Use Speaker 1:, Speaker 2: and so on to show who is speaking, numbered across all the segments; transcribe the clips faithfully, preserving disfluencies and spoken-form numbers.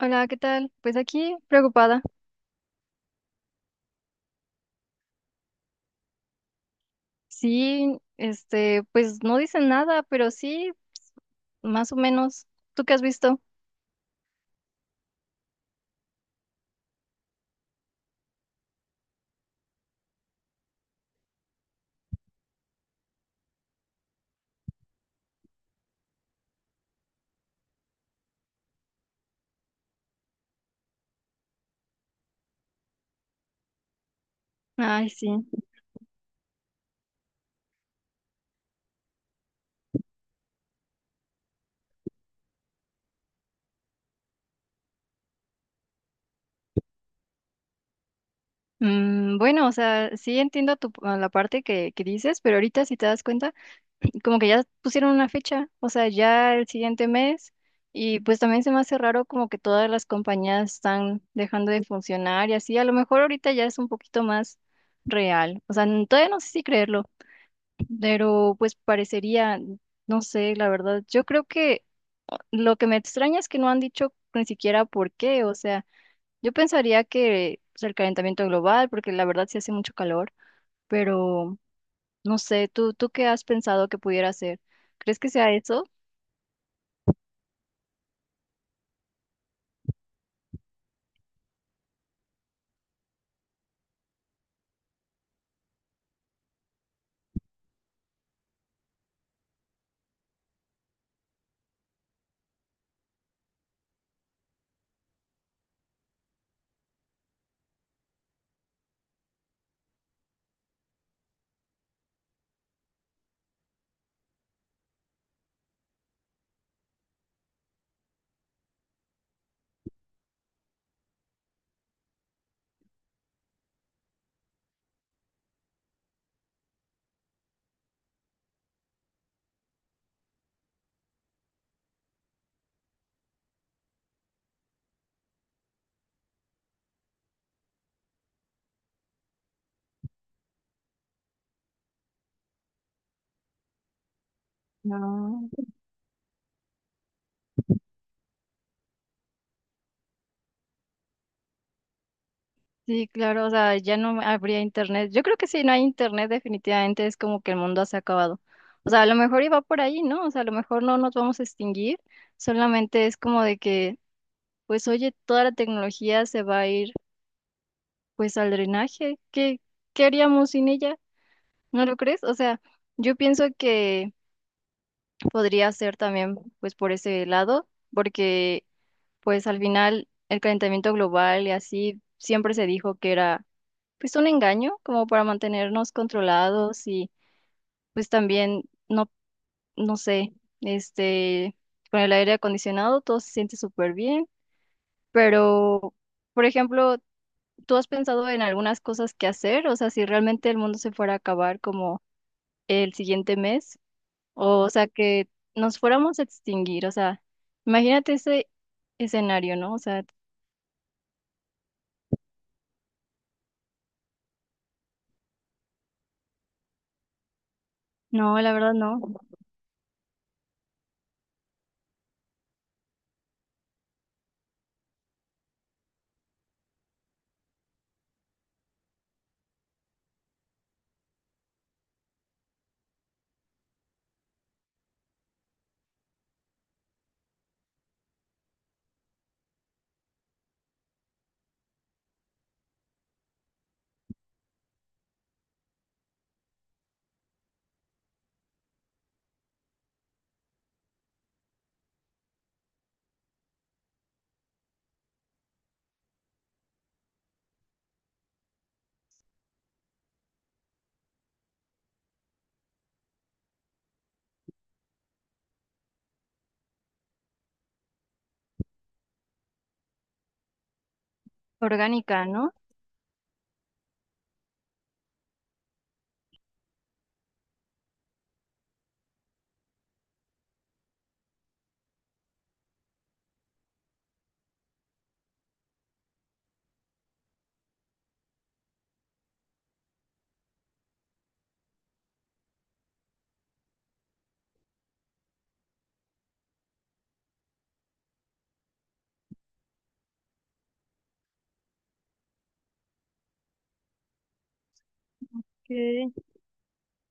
Speaker 1: Hola, ¿qué tal? Pues aquí preocupada. Sí, este, pues no dicen nada, pero sí, más o menos. ¿Tú qué has visto? Ay, sí. Mm, bueno, o sea, sí entiendo tu, a la parte que, que dices, pero ahorita si te das cuenta, como que ya pusieron una fecha, o sea, ya el siguiente mes, y pues también se me hace raro como que todas las compañías están dejando de funcionar y así, a lo mejor ahorita ya es un poquito más real, o sea, n- todavía no sé si creerlo. Pero pues parecería, no sé, la verdad, yo creo que lo que me extraña es que no han dicho ni siquiera por qué, o sea, yo pensaría que es el calentamiento global, porque la verdad sí hace mucho calor, pero no sé, ¿tú, tú qué has pensado que pudiera ser? ¿Crees que sea eso? No. Sí, claro, o sea, ya no habría internet. Yo creo que si no hay internet, definitivamente es como que el mundo se ha acabado. O sea, a lo mejor iba por ahí, ¿no? O sea, a lo mejor no nos vamos a extinguir, solamente es como de que pues oye, toda la tecnología se va a ir pues al drenaje. ¿Qué, qué haríamos sin ella? ¿No lo crees? O sea, yo pienso que podría ser también pues por ese lado, porque pues al final el calentamiento global y así siempre se dijo que era pues un engaño como para mantenernos controlados y pues también no, no sé, este, con el aire acondicionado todo se siente súper bien, pero... Por ejemplo, ¿tú has pensado en algunas cosas que hacer? O sea, si realmente el mundo se fuera a acabar como el siguiente mes, o, sea, que nos fuéramos a extinguir, o sea, imagínate ese escenario, ¿no? O sea, no, la verdad no, orgánica, ¿no? ¿Qué?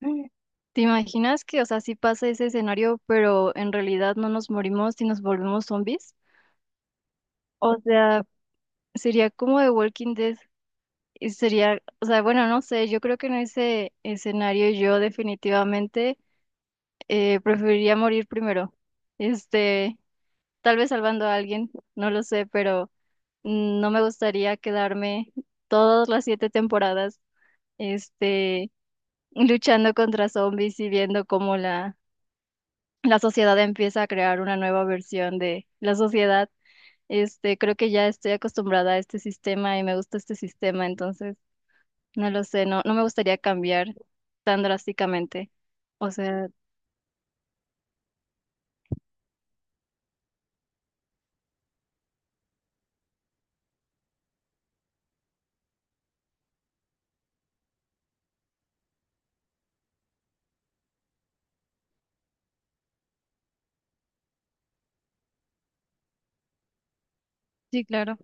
Speaker 1: ¿Te imaginas que, o sea, sí pasa ese escenario, pero en realidad no nos morimos y nos volvemos zombies? O sea, sería como de Walking Dead y sería, o sea, bueno, no sé, yo creo que en ese escenario yo definitivamente eh, preferiría morir primero. Este, tal vez salvando a alguien, no lo sé, pero mm, no me gustaría quedarme todas las siete temporadas, este, luchando contra zombies y viendo cómo la, la sociedad empieza a crear una nueva versión de la sociedad. Este, creo que ya estoy acostumbrada a este sistema y me gusta este sistema, entonces no lo sé, no, no me gustaría cambiar tan drásticamente. O sea, sí, claro.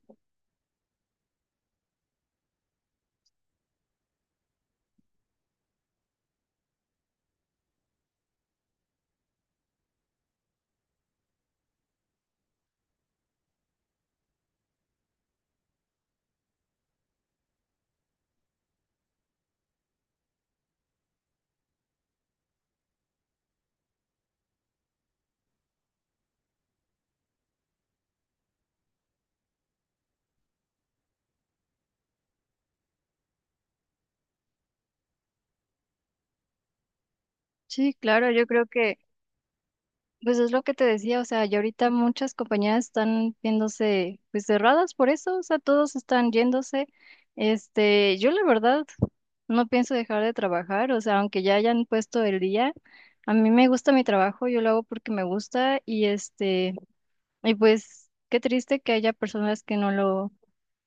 Speaker 1: Sí, claro, yo creo que pues es lo que te decía, o sea, y ahorita muchas compañías están viéndose pues cerradas por eso, o sea, todos están yéndose. Este, yo la verdad no pienso dejar de trabajar, o sea, aunque ya hayan puesto el día, a mí me gusta mi trabajo, yo lo hago porque me gusta y este, y pues qué triste que haya personas que no lo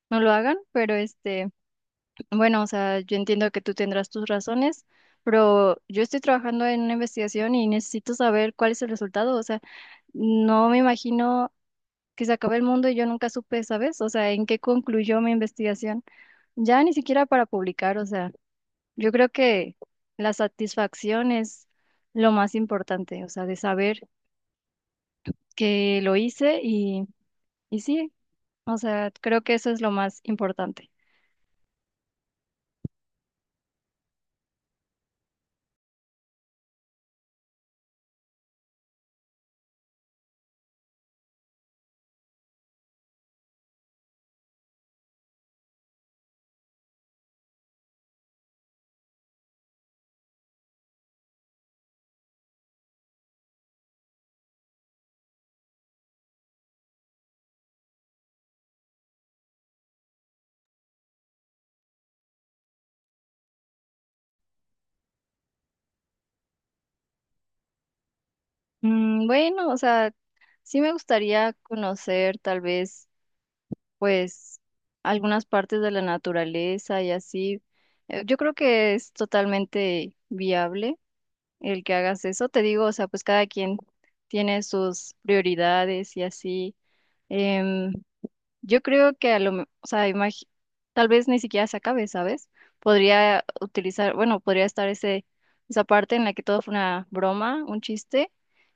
Speaker 1: no lo hagan, pero este, bueno, o sea, yo entiendo que tú tendrás tus razones. Pero yo estoy trabajando en una investigación y necesito saber cuál es el resultado. O sea, no me imagino que se acabe el mundo y yo nunca supe, ¿sabes? O sea, en qué concluyó mi investigación. Ya ni siquiera para publicar, o sea, yo creo que la satisfacción es lo más importante, o sea, de saber que lo hice y, y sí, o sea, creo que eso es lo más importante. Mm, bueno, o sea, sí me gustaría conocer tal vez, pues, algunas partes de la naturaleza y así. Eh, Yo creo que es totalmente viable el que hagas eso. Te digo, o sea, pues cada quien tiene sus prioridades y así. Em, yo creo que a lo, me- o sea, imagi- tal vez ni siquiera se acabe, ¿sabes? Podría utilizar, bueno, podría estar ese, esa parte en la que todo fue una broma, un chiste,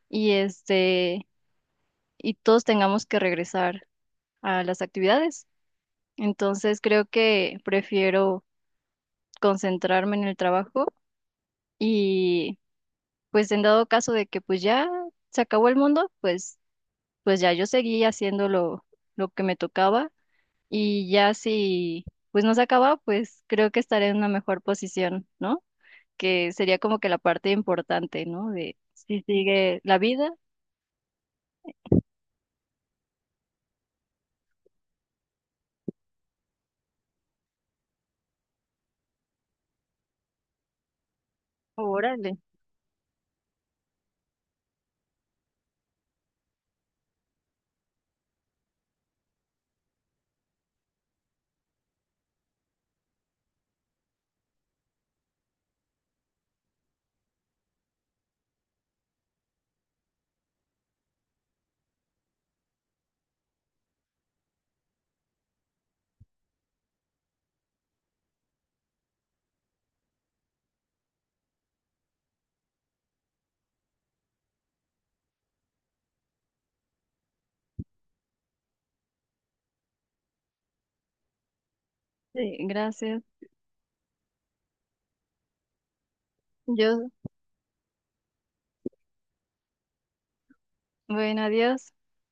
Speaker 1: y este, y todos tengamos que regresar a las actividades. Entonces creo que prefiero concentrarme en el trabajo pues en dado caso de que pues ya se acabó el mundo, pues, pues ya yo seguí haciendo lo, lo que me tocaba y ya si pues no se acaba, pues creo que estaré en una mejor posición, ¿no? Que sería como que la parte importante, ¿no? De si sigue la vida. Órale. Sí, gracias. Yo, bueno, adiós.